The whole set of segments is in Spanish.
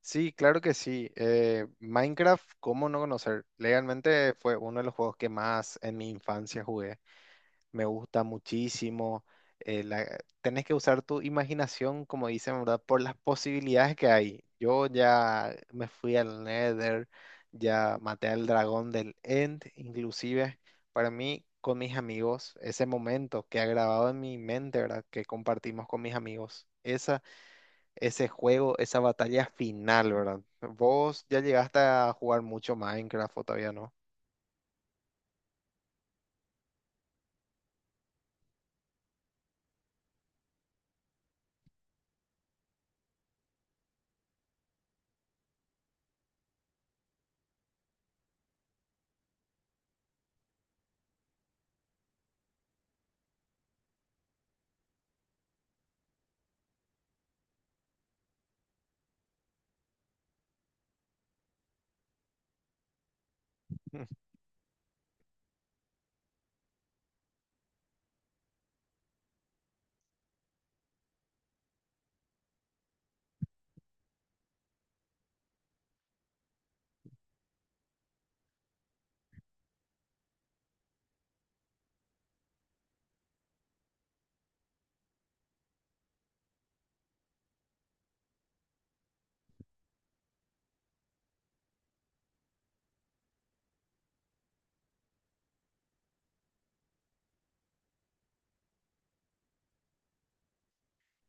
Sí, claro que sí. Minecraft, ¿cómo no conocer? Legalmente fue uno de los juegos que más en mi infancia jugué. Me gusta muchísimo. Eh, la- Tenés que usar tu imaginación, como dicen, ¿verdad? Por las posibilidades que hay. Yo ya me fui al Nether, ya maté al dragón del End, inclusive para mí, con mis amigos, ese momento que ha grabado en mi mente, ¿verdad? Que compartimos con mis amigos. Esa Ese juego, esa batalla final, ¿verdad? ¿Vos ya llegaste a jugar mucho Minecraft o todavía no?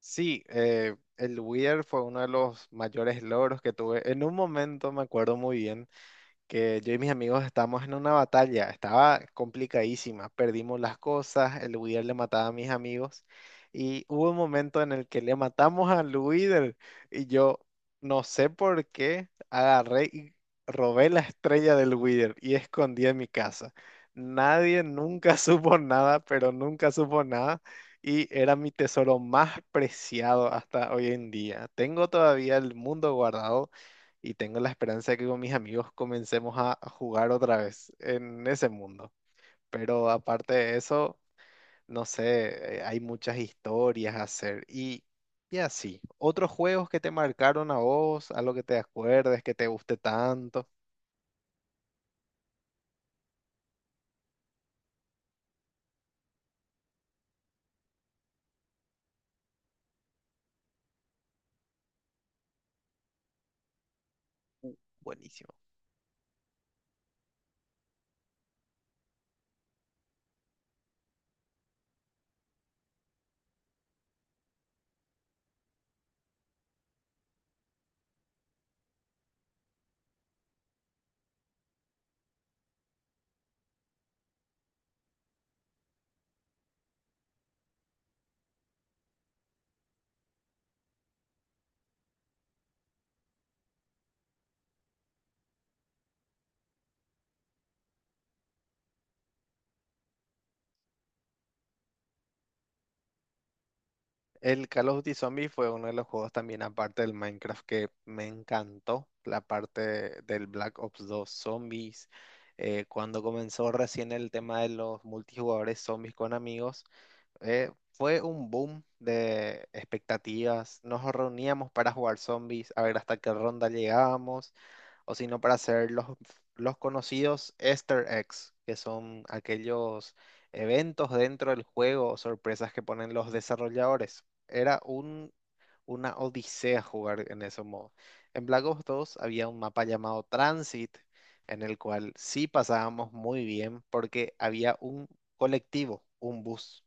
Sí, el Wither fue uno de los mayores logros que tuve. En un momento me acuerdo muy bien, que yo y mis amigos estábamos en una batalla, estaba complicadísima, perdimos las cosas, el Wither le mataba a mis amigos y hubo un momento en el que le matamos al Wither y yo no sé por qué agarré y robé la estrella del Wither y escondí en mi casa. Nadie nunca supo nada, pero nunca supo nada. Y era mi tesoro más preciado hasta hoy en día. Tengo todavía el mundo guardado y tengo la esperanza de que con mis amigos comencemos a jugar otra vez en ese mundo. Pero aparte de eso, no sé, hay muchas historias a hacer y así. ¿Otros juegos que te marcaron a vos, algo que te acuerdes, que te guste tanto? Uh, buenísimo. El Call of Duty Zombie fue uno de los juegos también, aparte del Minecraft, que me encantó. La parte del Black Ops 2 Zombies. Cuando comenzó recién el tema de los multijugadores zombies con amigos, fue un boom de expectativas. Nos reuníamos para jugar zombies, a ver hasta qué ronda llegábamos, o si no, para hacer los conocidos Easter eggs, que son aquellos eventos dentro del juego o sorpresas que ponen los desarrolladores. Era una odisea jugar en ese modo. En Black Ops 2 había un mapa llamado Transit, en el cual sí pasábamos muy bien porque había un colectivo, un bus.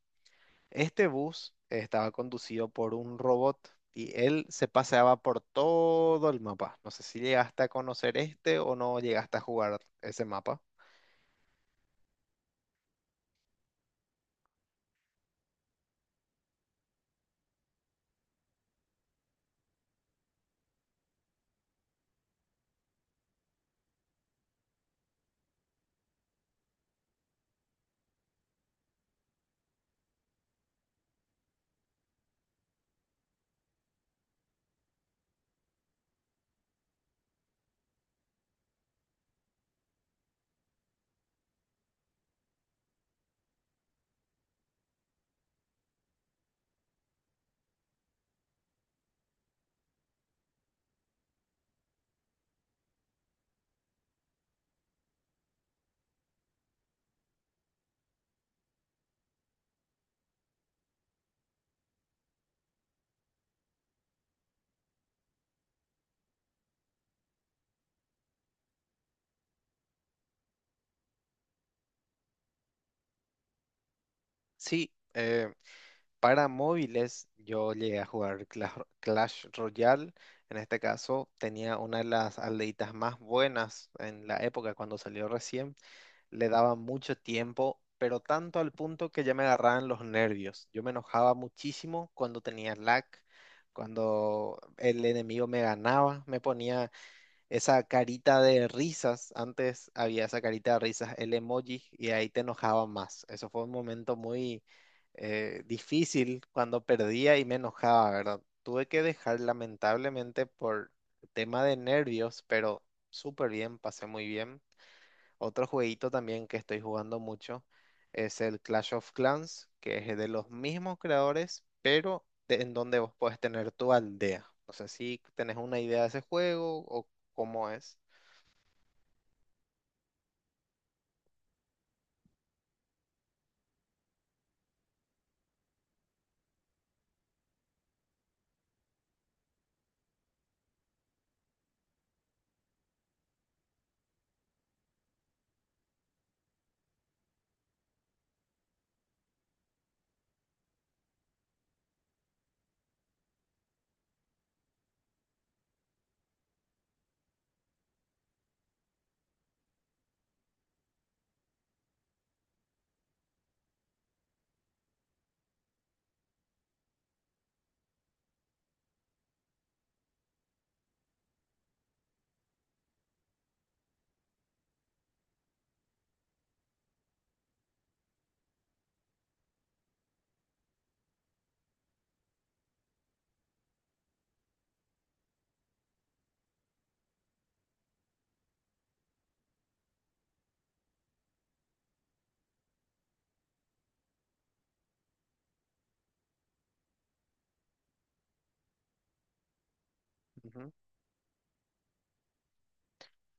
Este bus estaba conducido por un robot y él se paseaba por todo el mapa. No sé si llegaste a conocer este o no llegaste a jugar ese mapa. Sí, para móviles, yo llegué a jugar Clash Royale. En este caso, tenía una de las aldeitas más buenas en la época cuando salió recién. Le daba mucho tiempo, pero tanto al punto que ya me agarraban los nervios. Yo me enojaba muchísimo cuando tenía lag, cuando el enemigo me ganaba, me ponía esa carita de risas. Antes había esa carita de risas, el emoji, y ahí te enojaba más. Eso fue un momento muy difícil cuando perdía y me enojaba, ¿verdad? Tuve que dejar lamentablemente por tema de nervios, pero súper bien, pasé muy bien. Otro jueguito también que estoy jugando mucho es el Clash of Clans, que es de los mismos creadores, pero en donde vos podés tener tu aldea. No sé si tenés una idea de ese juego o cómo es.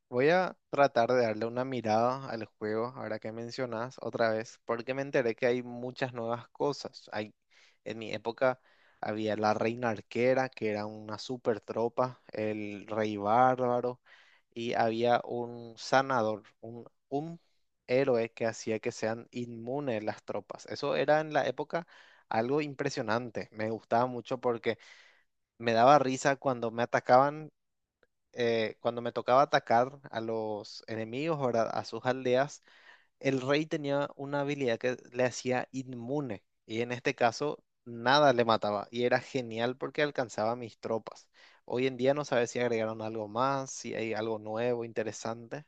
Voy a tratar de darle una mirada al juego, ahora que mencionas otra vez, porque me enteré que hay muchas nuevas cosas. Hay, en mi época había la reina arquera, que era una super tropa, el rey bárbaro, y había un sanador, un héroe que hacía que sean inmunes las tropas. Eso era en la época algo impresionante. Me gustaba mucho porque me daba risa cuando me atacaban, cuando me tocaba atacar a los enemigos, ¿verdad? A sus aldeas, el rey tenía una habilidad que le hacía inmune. Y en este caso, nada le mataba. Y era genial porque alcanzaba a mis tropas. Hoy en día no sabes si agregaron algo más, si hay algo nuevo, interesante.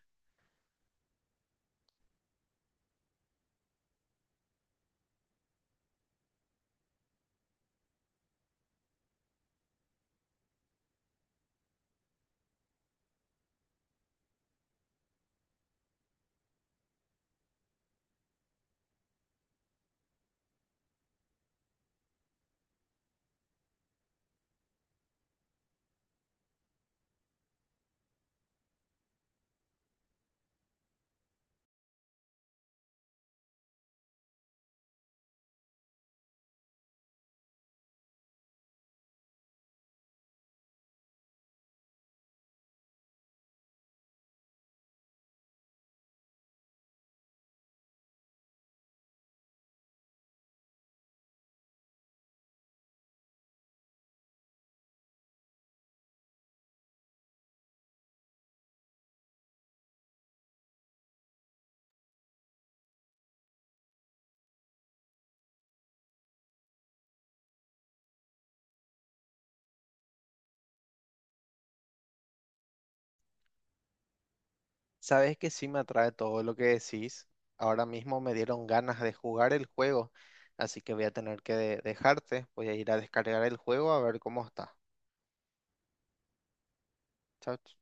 Sabes que sí me atrae todo lo que decís. Ahora mismo me dieron ganas de jugar el juego. Así que voy a tener que dejarte. Voy a ir a descargar el juego a ver cómo está. Chao.